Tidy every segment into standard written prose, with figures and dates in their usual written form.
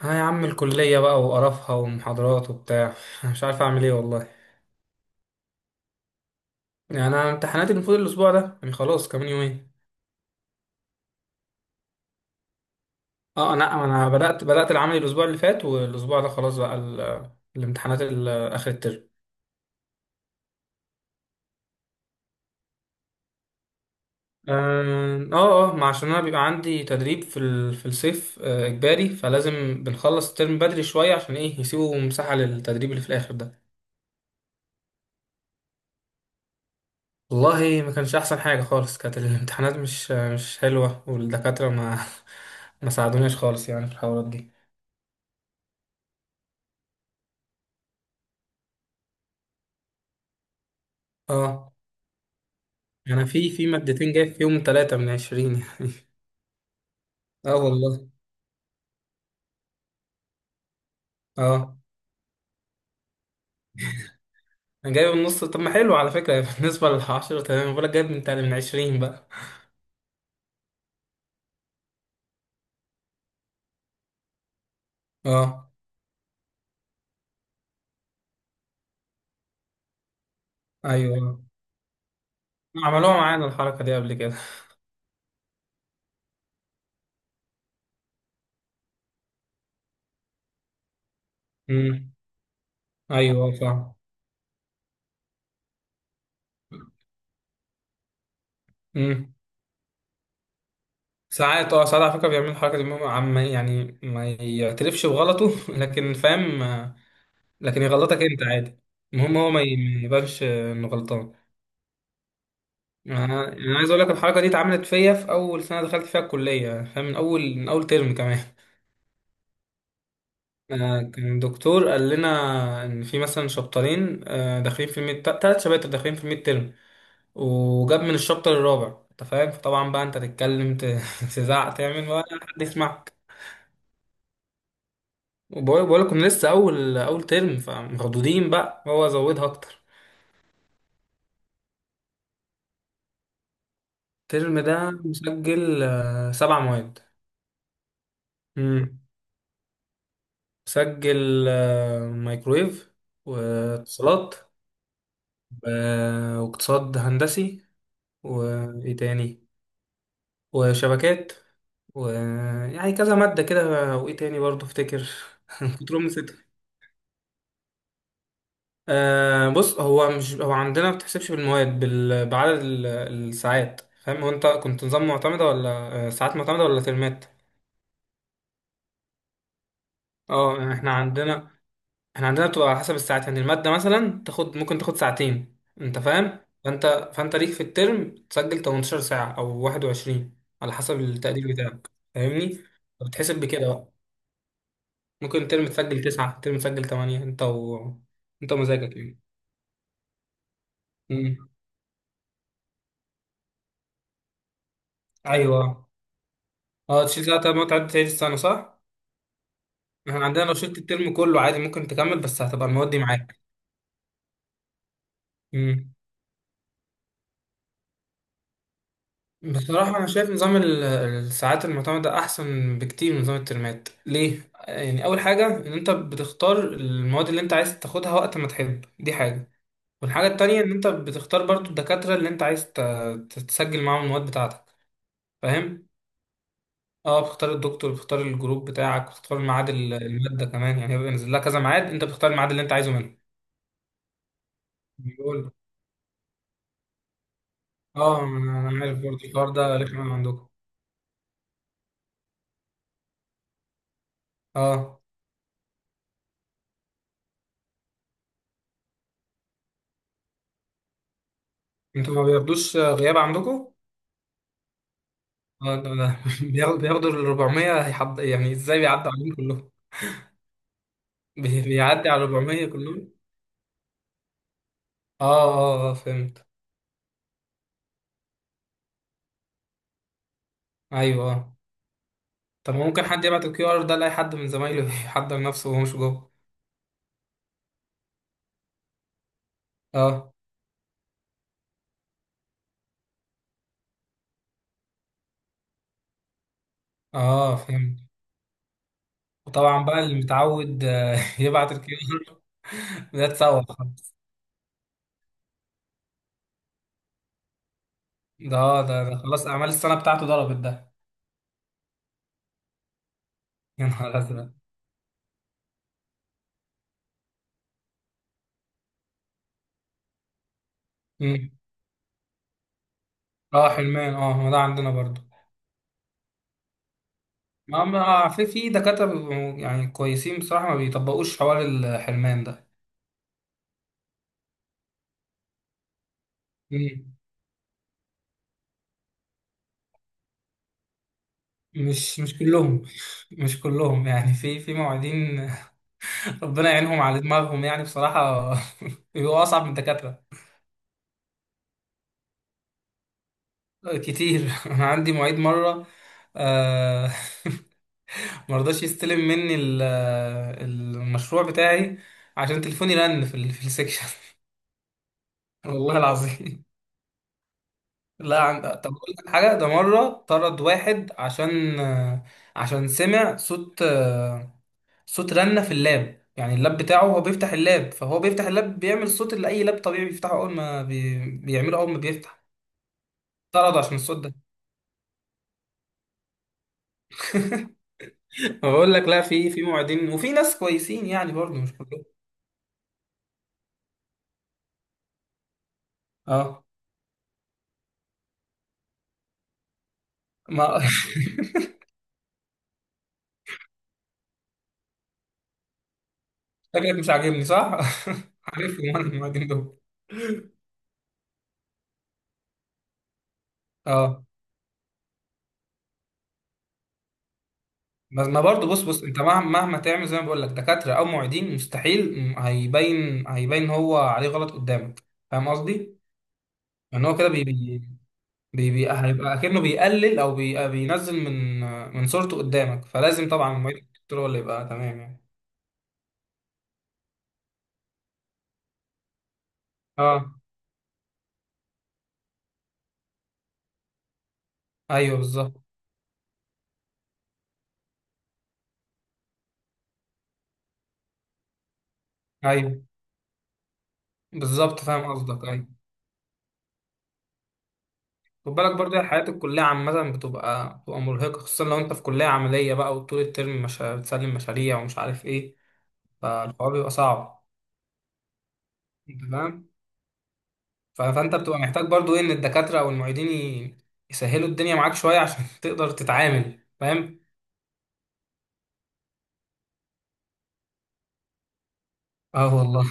ها يا عم، الكلية بقى وقرفها ومحاضرات وبتاع. أنا مش عارف أعمل إيه والله. يعني أنا امتحاناتي المفروض الأسبوع ده، يعني خلاص كمان يومين. أه أنا بدأت العمل الأسبوع اللي فات، والأسبوع ده خلاص بقى الامتحانات آخر الترم. آه آه آه، ما عشان أنا بيبقى عندي تدريب في الصيف آه، إجباري، فلازم بنخلص الترم بدري شوية، عشان إيه، يسيبوا مساحة للتدريب اللي في الآخر ده. والله ما كانش أحسن حاجة خالص، كانت الامتحانات مش حلوة، والدكاترة ما ما ساعدوناش خالص يعني في الحوارات دي. اه، انا في مادتين جايب فيهم ثلاثة من عشرين يعني. اه والله. اه، انا جايب النص، طب ما حلو على فكرة بالنسبة للعشرة. تمام، بقولك جايب من من عشرين بقى. اه، ايوه، عملوها معانا الحركة دي قبل كده. امم. ايوه فاهم. امم. ساعات اه ساعات على فكرة بيعملوا الحركة دي، المهم عم يعني ما يعترفش بغلطه لكن فاهم آه، لكن يغلطك انت عادي. المهم هو ما يبانش آه، انه غلطان. انا أنا عايز اقول لك الحركه دي اتعملت فيا في اول سنه دخلت فيها الكليه، فاهم، من اول ترم كمان. آه، كان دكتور قال لنا ان في مثلا شابترين آه، داخلين في الميد، ثلاث شباتر داخلين في الميد ترم، وجاب من الشابتر الرابع. انت فاهم، فطبعا بقى انت تتكلم تزعق تعمل ولا حد يسمعك. وبقول لكم لسه اول ترم، فمخضوضين بقى هو زودها اكتر. الترم ده مسجل آه، سبع مواد. مم. سجل آه، مايكرويف، واتصالات، واقتصاد هندسي، وايه تاني، وشبكات، ويعني كذا مادة كده، وايه تاني برضه افتكر. كنترول نسيتها. آه بص، هو مش هو عندنا ما بتحسبش بالمواد بال... بعدد الساعات فاهم. هو انت كنت نظام معتمدة ولا آه، ساعات معتمدة ولا ترمات؟ اه احنا عندنا، احنا عندنا بتبقى على حسب الساعات، يعني المادة مثلا تاخد، ممكن تاخد ساعتين، انت فاهم، فانت ليك في الترم تسجل 18 ساعة او 21 على حسب التقدير بتاعك، فاهمني، فبتحسب بكده بقى، ممكن ترم تسجل 9، ترم تسجل 8، انت و... انت مزاجك يعني. امم. ايوه. اه، تشيل ساعة ما تعدي، تعيد السنة صح؟ احنا عندنا لو شلت الترم كله عادي، ممكن تكمل، بس هتبقى المواد دي معاك. بصراحة أنا شايف نظام الساعات المعتمدة أحسن بكتير من نظام الترمات. ليه؟ يعني أول حاجة إن أنت بتختار المواد اللي أنت عايز تاخدها وقت ما تحب، دي حاجة. والحاجة التانية إن أنت بتختار برضو الدكاترة اللي أنت عايز تسجل معاهم المواد بتاعتك، فاهم؟ أه، بتختار الدكتور، بتختار الجروب بتاعك، بتختار ميعاد المادة كمان، يعني هيبقى نازل لها كذا ميعاد، أنت بتختار الميعاد اللي أنت عايزه منه. بيقول. أه أنا عارف برضو الحوار ده رخم عندكم. أه، أنتوا ما بياخدوش غياب عندكم؟ آه، ده بياخدوا ال 400، هيحض... يعني ازاي بيعدي عليهم كلهم؟ بيعدي على 400 كلهم؟ اه اه آه، اه، فهمت. ايوه آه. طب ما ممكن حد يبعت الكيو ار ده لاي حد من زمايله يحضر نفسه وهو مش جوه. اه اه فهمت. وطبعا بقى اللي متعود آه، يبعت الكيو ار، ده اتسوح خلاص. ده اه، ده ده خلاص، اعمال السنه بتاعته ضربت ده. يا نهار ازرق. مم. اه، حلمان اه، ما ده عندنا برضو. ما في في دكاتره بيبقوا يعني كويسين بصراحه، ما بيطبقوش حوار الحلمان ده. مم. مش كلهم، مش كلهم يعني، في معيدين ربنا يعينهم على دماغهم يعني بصراحة. بيبقوا أصعب من الدكاترة. كتير، أنا عندي معيد مرة آه، مرضاش يستلم مني المشروع بتاعي عشان تليفوني رن في السكشن والله العظيم. لا عند... طب أقول لك حاجة، ده مرة طرد واحد عشان آه، عشان سمع صوت، صوت رنة في اللاب، يعني اللاب بتاعه هو بيفتح اللاب، فهو بيفتح اللاب بيعمل الصوت اللي اي لاب طبيعي بيفتحه اول ما بي... بيعمله اول ما بيفتح. طرد عشان الصوت ده. بقول لك لا، في في موعدين وفي ناس كويسين يعني برضه مش كلهم. اه ما شكلك مش عاجبني صح. عارفهم انا الموعدين دول. اه، بس ما برضه بص بص، انت مهما تعمل زي ما بقول لك دكاترة او معيدين، مستحيل هيبين هو عليه غلط قدامك. فاهم قصدي؟ ان هو كده بي... بي بي هيبقى اكنه بيقلل او بي بينزل من من صورته قدامك، فلازم طبعا الموبايل الكتري هو اللي يبقى تمام يعني. اه ايوه بالظبط، ايوه بالظبط فاهم قصدك. ايوه. خد بالك برضه، الحياة الكلية عامة بتبقى مرهقة، خصوصا لو انت في كلية عملية بقى، وطول الترم مش بتسلم مشاريع ومش عارف ايه، فالحوار بيبقى صعب. انت فاهم، فانت بتبقى محتاج برضه ايه، ان الدكاترة او المعيدين يسهلوا الدنيا معاك شوية عشان تقدر تتعامل، فاهم. اه والله.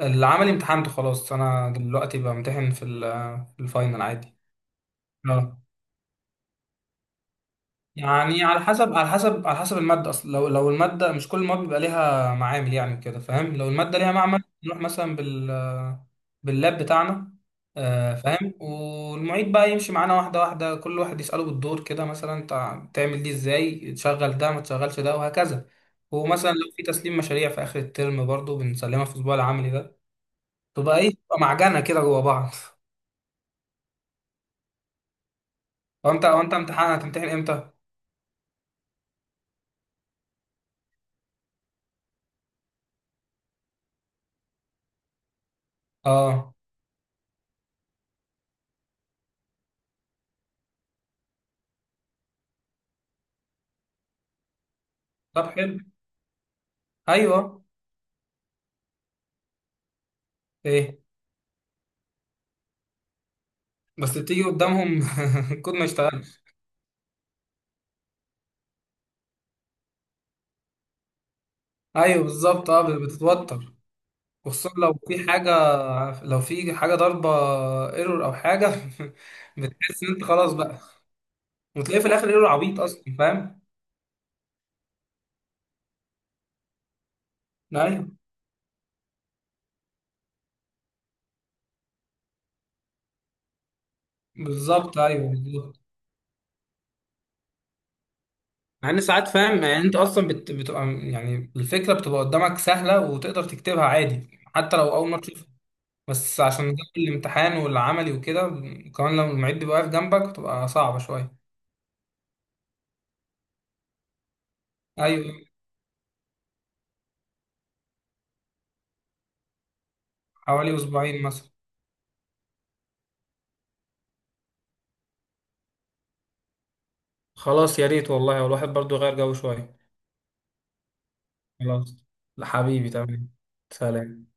العملي امتحنته خلاص، انا دلوقتي بامتحن في الفاينل عادي. اه يعني على حسب، على حسب الماده اصلا، لو لو الماده مش، كل المواد بيبقى ليها معامل يعني كده فاهم، لو الماده ليها معمل، نروح مثلا بال باللاب بتاعنا. آه، فاهم. والمعيد بقى يمشي معانا واحده واحده، كل واحد يساله بالدور كده مثلا، انت تعمل دي ازاي، تشغل ده ما تشغلش ده وهكذا. ومثلا لو في تسليم مشاريع في اخر الترم برضو بنسلمها في الاسبوع العملي ده، تبقى ايه، تبقى معجنه كده جوا بعض. هو انت امتحان هتمتحن امتى؟ اه طب حلو. ايوه. ايه بس بتيجي قدامهم الكود ما يشتغلش. ايوه بالظبط اه بتتوتر. وخصوصا لو في حاجه، لو في حاجه ضربه، ايرور او حاجه. بتحس ان انت خلاص بقى. وتلاقيه في الاخر ايرور عبيط اصلا فاهم؟ ايوه بالظبط، ايوه بالظبط. مع ان ساعات فاهم يعني انت اصلا بت... بتبقى يعني الفكره بتبقى قدامك سهله وتقدر تكتبها عادي حتى لو اول مره، بس عشان جو الامتحان والعملي وكده، وكمان لو المعيد بيبقى واقف جنبك بتبقى صعبة شوية. أيوة. حوالي أسبوعين مثلا. خلاص يا ريت والله، والواحد برضو يغير جو شوية. خلاص حبيبي تمام. سلام.